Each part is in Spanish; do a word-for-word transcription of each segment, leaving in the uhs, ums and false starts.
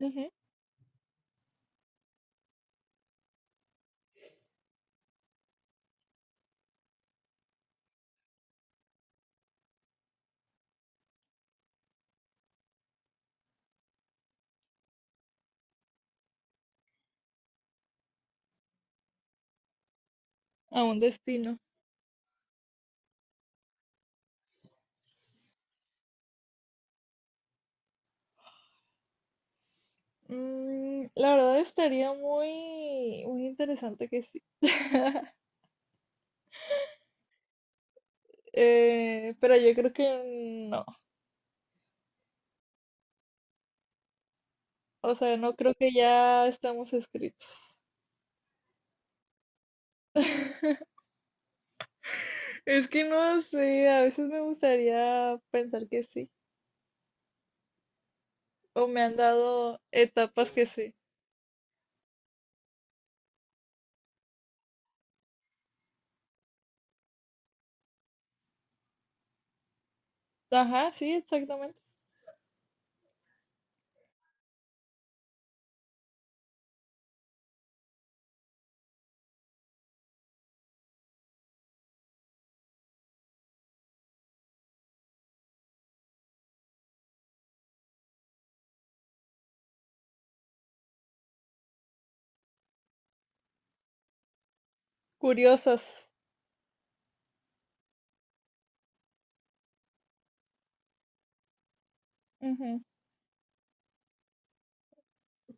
Ujú. A un destino. Mm, la verdad estaría muy, muy interesante que sí. Eh, pero yo creo que no. O sea, no creo que ya estamos escritos. Es que no sé, a veces me gustaría pensar que sí. O me han dado etapas que sí. Ajá, sí, exactamente. Curiosas. Ujú.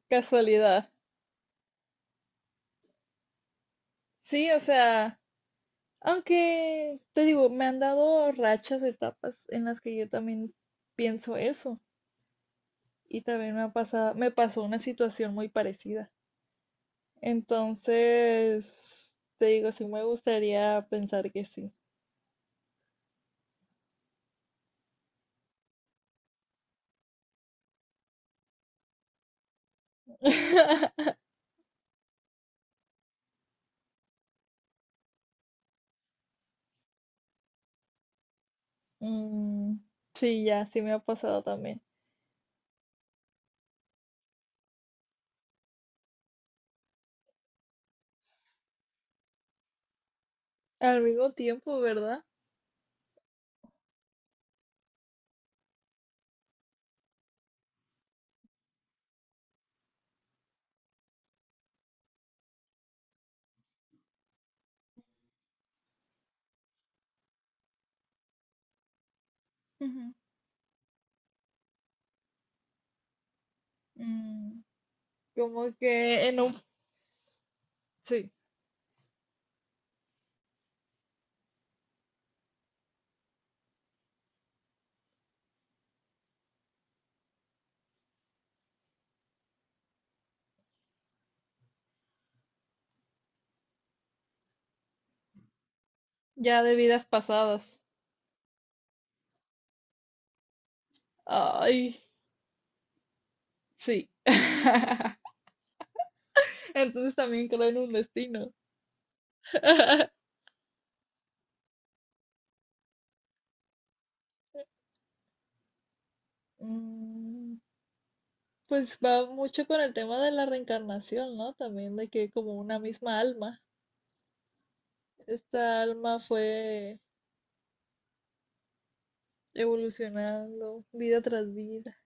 Casualidad. Sí, o sea. Aunque, te digo, me han dado rachas, de etapas en las que yo también pienso eso. Y también me ha pasado, me pasó una situación muy parecida. Entonces, te digo, sí me gustaría pensar que sí. Mm, sí, ya, sí me ha pasado también. Al mismo tiempo, ¿verdad? Ujú. Mm, como que en un... Sí, ya de vidas pasadas. Ay, sí. Entonces también creo en un destino. Mm, Pues va mucho con el tema de la reencarnación, ¿no? También de que como una misma alma, esta alma fue evolucionando vida tras vida.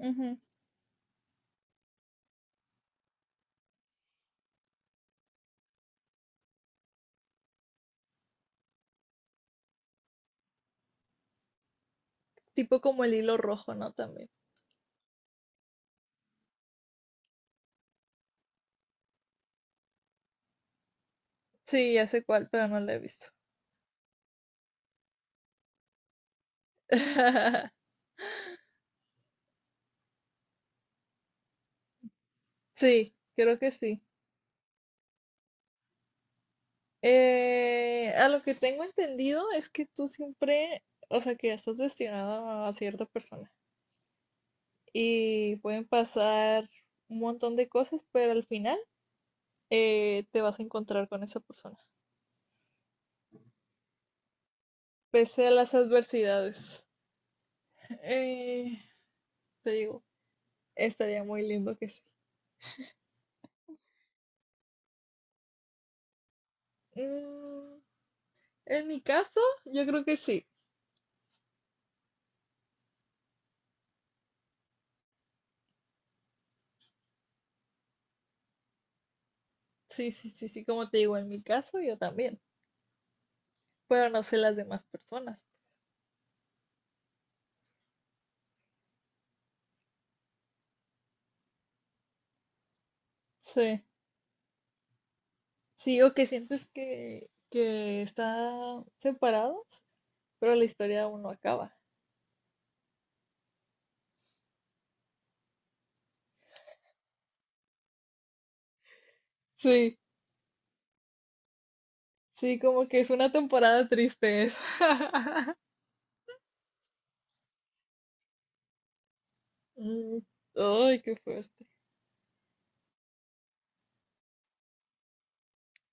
Ujú. Tipo como el hilo rojo, ¿no? También. Sí, ya sé cuál, pero no la he visto. Sí, creo que sí. Eh, a lo que tengo entendido es que tú siempre, o sea, que estás destinado a cierta persona y pueden pasar un montón de cosas, pero al final eh, te vas a encontrar con esa persona, pese a las adversidades. Eh, te digo, estaría muy lindo que sí. Mm, en mi caso, yo creo que sí. Sí, sí, sí, sí, como te digo, en mi caso yo también, pero no sé las demás personas. Sí, sí, o que sientes que, que están separados, pero la historia aún no acaba. Sí, sí, como que es una temporada triste esa. Mm, ay, qué fuerte.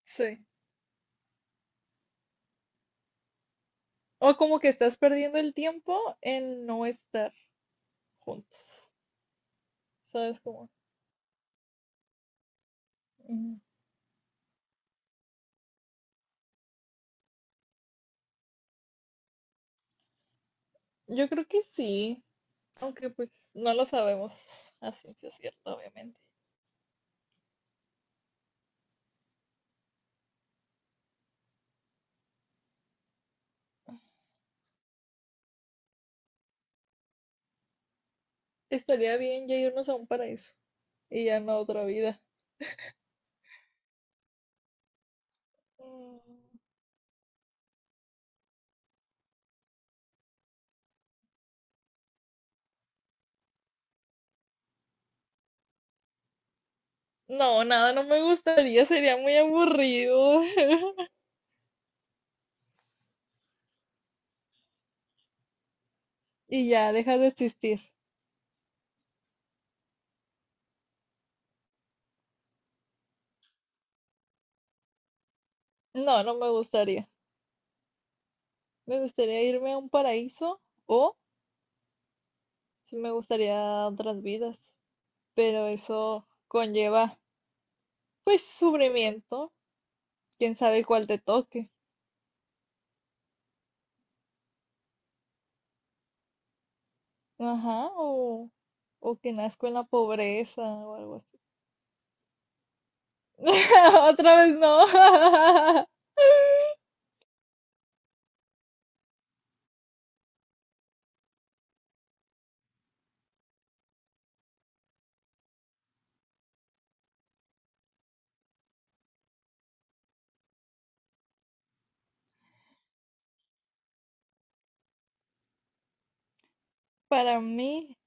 Sí. O como que estás perdiendo el tiempo en no estar juntos. ¿Sabes cómo? Ujú. Yo creo que sí, aunque pues no lo sabemos a ciencia cierta, obviamente. Estaría bien ya irnos a un paraíso y ya no a otra vida. Mm. No, nada, no me gustaría, sería muy aburrido. Y ya, dejas de existir. No, no me gustaría. Me gustaría irme a un paraíso o sí me gustaría otras vidas, pero eso conlleva pues sufrimiento, quién sabe cuál te toque. Ajá, o, o que nazco en la pobreza o algo así. Otra vez no. Para mí,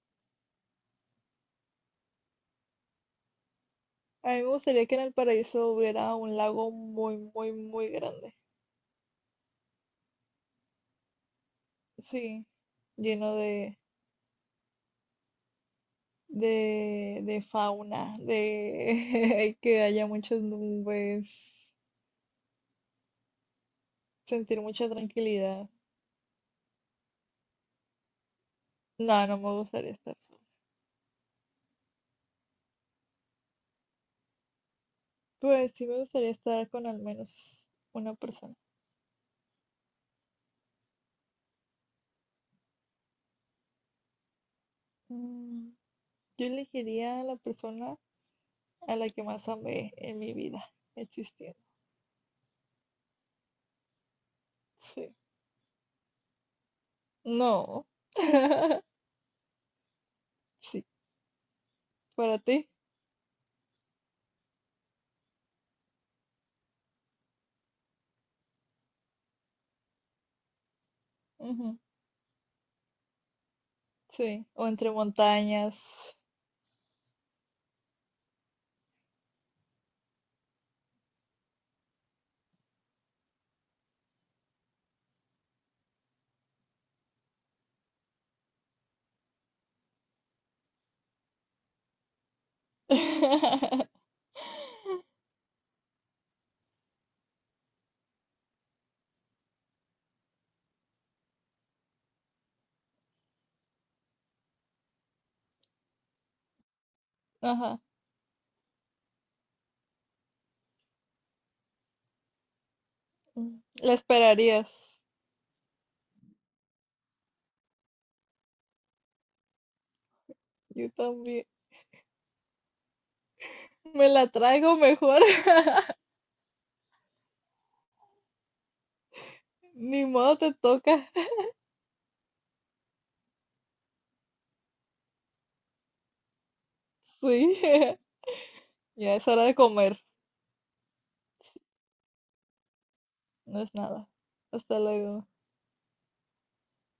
a mí me gustaría que en el paraíso hubiera un lago muy, muy, muy grande. Sí, lleno de, de, de fauna, de que haya muchas nubes, sentir mucha tranquilidad. No, no me gustaría estar. Pues sí me gustaría estar con al menos una persona. Mm. Yo elegiría a la persona a la que más amé en mi vida existiendo. Sí. No. Sí. Para ti. Ujú. Sí. O entre montañas. Ajá. Mm. La esperarías. Yo también. Me la traigo mejor. Ni modo te toca. Sí. Ya es hora de comer. No es nada. Hasta luego.